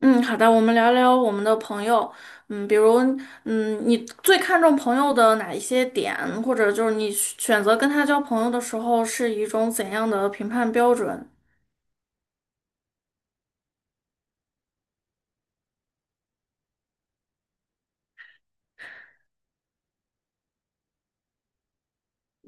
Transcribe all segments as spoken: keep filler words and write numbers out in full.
嗯，好的，我们聊聊我们的朋友。嗯，比如，嗯，你最看重朋友的哪一些点，或者就是你选择跟他交朋友的时候是一种怎样的评判标准？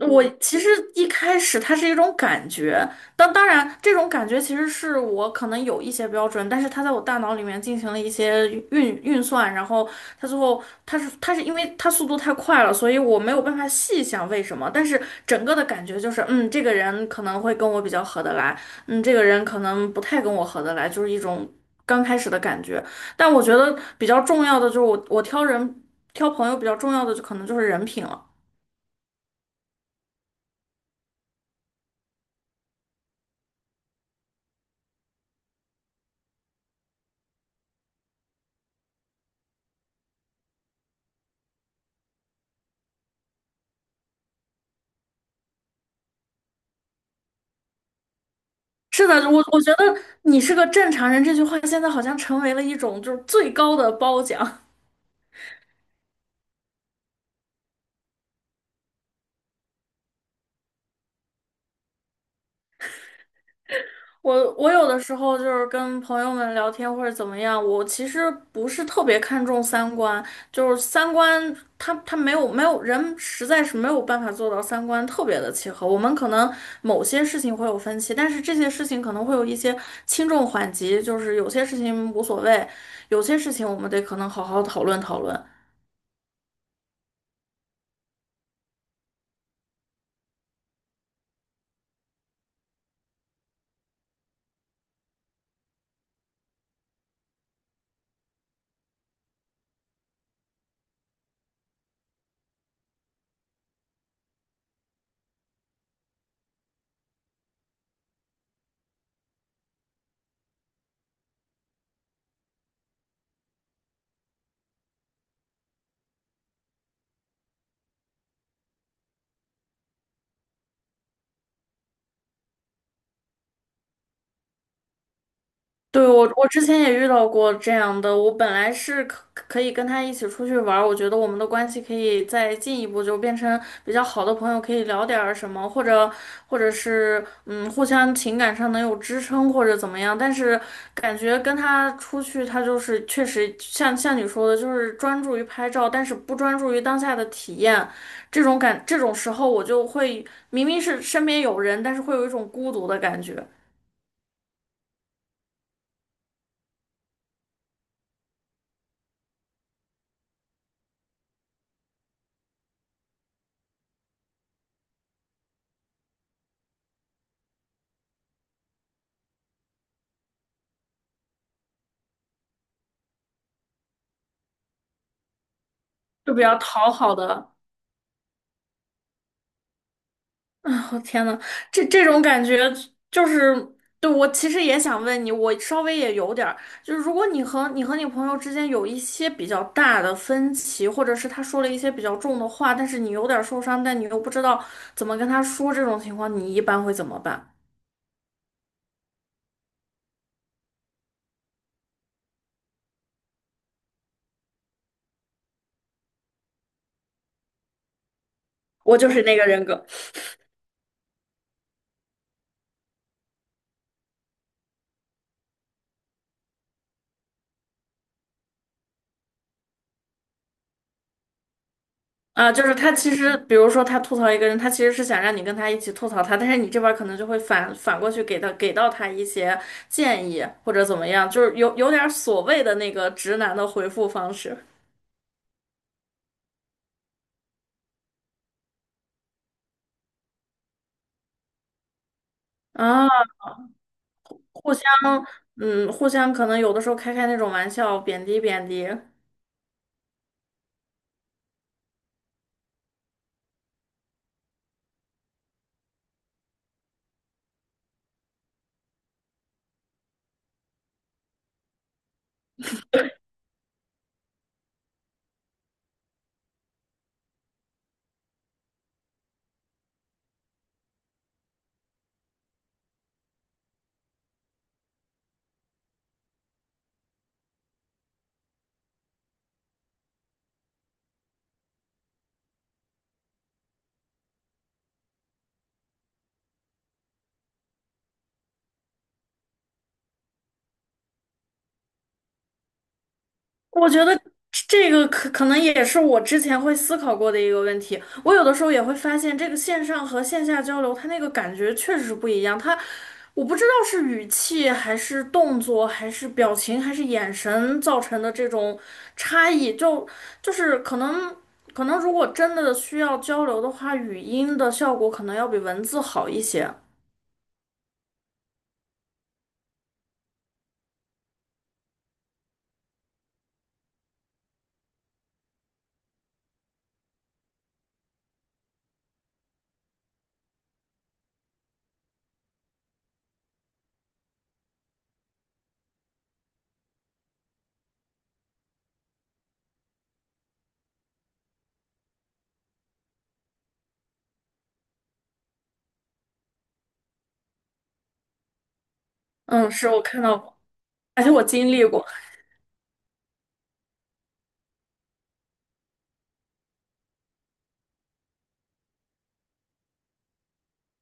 我其实一开始它是一种感觉，当当然这种感觉其实是我可能有一些标准，但是它在我大脑里面进行了一些运运算，然后它最后它是它是因为它速度太快了，所以我没有办法细想为什么，但是整个的感觉就是，嗯，这个人可能会跟我比较合得来，嗯，这个人可能不太跟我合得来，就是一种刚开始的感觉。但我觉得比较重要的就是我我挑人挑朋友比较重要的就可能就是人品了。是的，我我觉得你是个正常人这句话现在好像成为了一种就是最高的褒奖。我我有的时候就是跟朋友们聊天或者怎么样，我其实不是特别看重三观，就是三观他他没有没有人实在是没有办法做到三观特别的契合。我们可能某些事情会有分歧，但是这些事情可能会有一些轻重缓急，就是有些事情无所谓，有些事情我们得可能好好讨论讨论。对，我我之前也遇到过这样的，我本来是可可以跟他一起出去玩儿，我觉得我们的关系可以再进一步，就变成比较好的朋友，可以聊点儿什么，或者或者是嗯，互相情感上能有支撑或者怎么样。但是感觉跟他出去，他就是确实像像你说的，就是专注于拍照，但是不专注于当下的体验。这种感这种时候，我就会明明是身边有人，但是会有一种孤独的感觉，就比较讨好的。啊，我天呐，这这种感觉就是，对，我其实也想问你，我稍微也有点儿，就是如果你和你和你朋友之间有一些比较大的分歧，或者是他说了一些比较重的话，但是你有点儿受伤，但你又不知道怎么跟他说，这种情况你一般会怎么办？我就是那个人格。啊，就是他其实，比如说他吐槽一个人，他其实是想让你跟他一起吐槽他，但是你这边儿可能就会反反过去给他给到他一些建议或者怎么样，就是有有点儿所谓的那个直男的回复方式。啊，互相嗯，互相可能有的时候开开那种玩笑，贬低贬低。我觉得这个可可能也是我之前会思考过的一个问题。我有的时候也会发现，这个线上和线下交流，它那个感觉确实不一样。它，我不知道是语气还是动作，还是表情，还是眼神造成的这种差异，就就是可能。可能如果真的需要交流的话，语音的效果可能要比文字好一些。嗯，是我看到过，而且我经历过。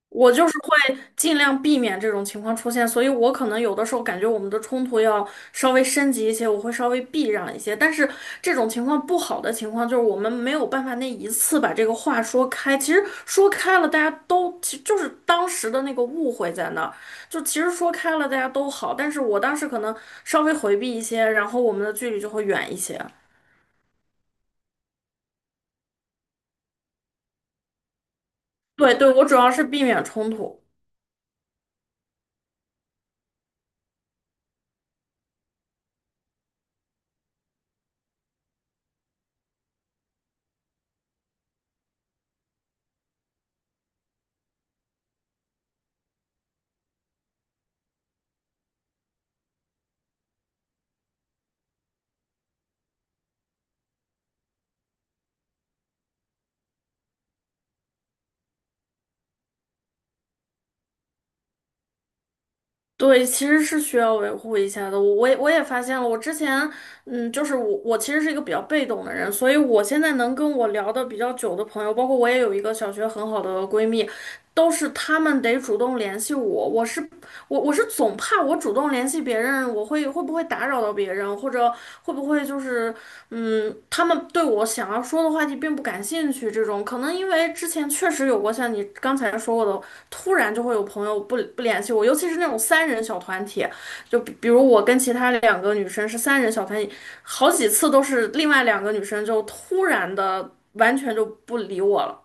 我就是会尽量避免这种情况出现，所以我可能有的时候感觉我们的冲突要稍微升级一些，我会稍微避让一些。但是这种情况不好的情况就是我们没有办法那一次把这个话说开。其实说开了，大家都其实就是当时的那个误会在那儿，就其实说开了大家都好，但是我当时可能稍微回避一些，然后我们的距离就会远一些。对对，我主要是避免冲突。对，其实是需要维护一下的。我我也我也发现了，我之前，嗯，就是我我其实是一个比较被动的人，所以我现在能跟我聊的比较久的朋友，包括我也有一个小学很好的闺蜜，都是她们得主动联系我。我是我我是总怕我主动联系别人，我会会不会打扰到别人，或者会不会就是，嗯，他们对我想要说的话题并不感兴趣这种。可能因为之前确实有过像你刚才说过的。突然就会有朋友不不联系我，尤其是那种三人小团体，就比比如我跟其他两个女生是三人小团体，好几次都是另外两个女生就突然的完全就不理我了。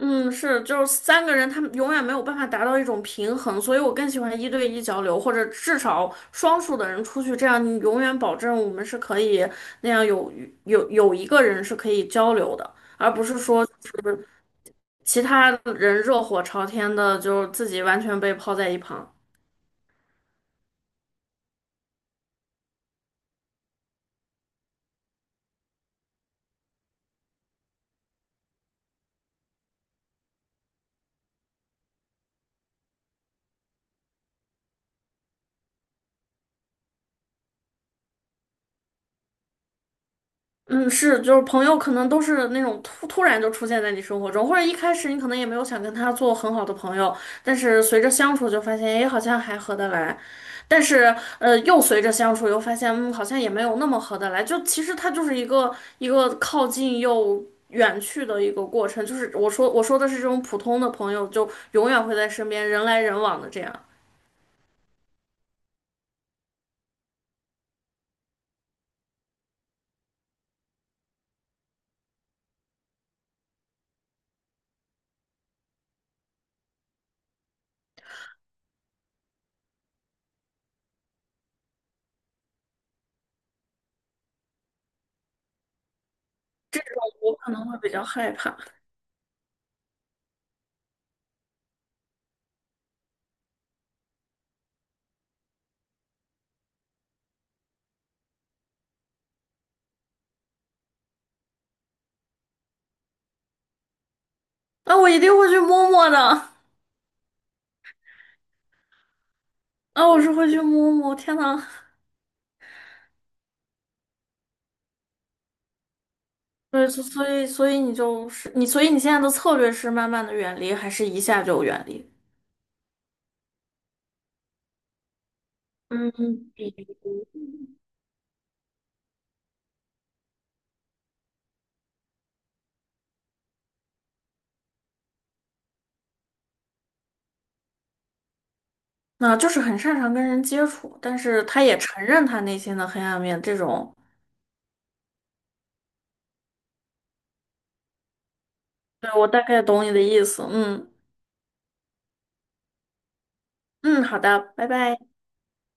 嗯，是，就是三个人，他们永远没有办法达到一种平衡，所以我更喜欢一对一交流，或者至少双数的人出去，这样你永远保证我们是可以那样有有有一个人是可以交流的，而不是说其他人热火朝天的，就是自己完全被抛在一旁。嗯，是，就是朋友可能都是那种突突然就出现在你生活中，或者一开始你可能也没有想跟他做很好的朋友，但是随着相处就发现，哎，好像还合得来。但是，呃，又随着相处又发现，嗯，好像也没有那么合得来。就其实他就是一个一个靠近又远去的一个过程。就是我说我说的是这种普通的朋友，就永远会在身边，人来人往的这样，我可能会比较害怕。那我一定会去摸摸的。啊，我是会去摸摸。天呐，对，所所以所以你就是你，所以你现在的策略是慢慢的远离，还是一下就远离？嗯，比那就是很擅长跟人接触，但是他也承认他内心的黑暗面，这种，对，我大概懂你的意思。嗯嗯，好的，拜拜。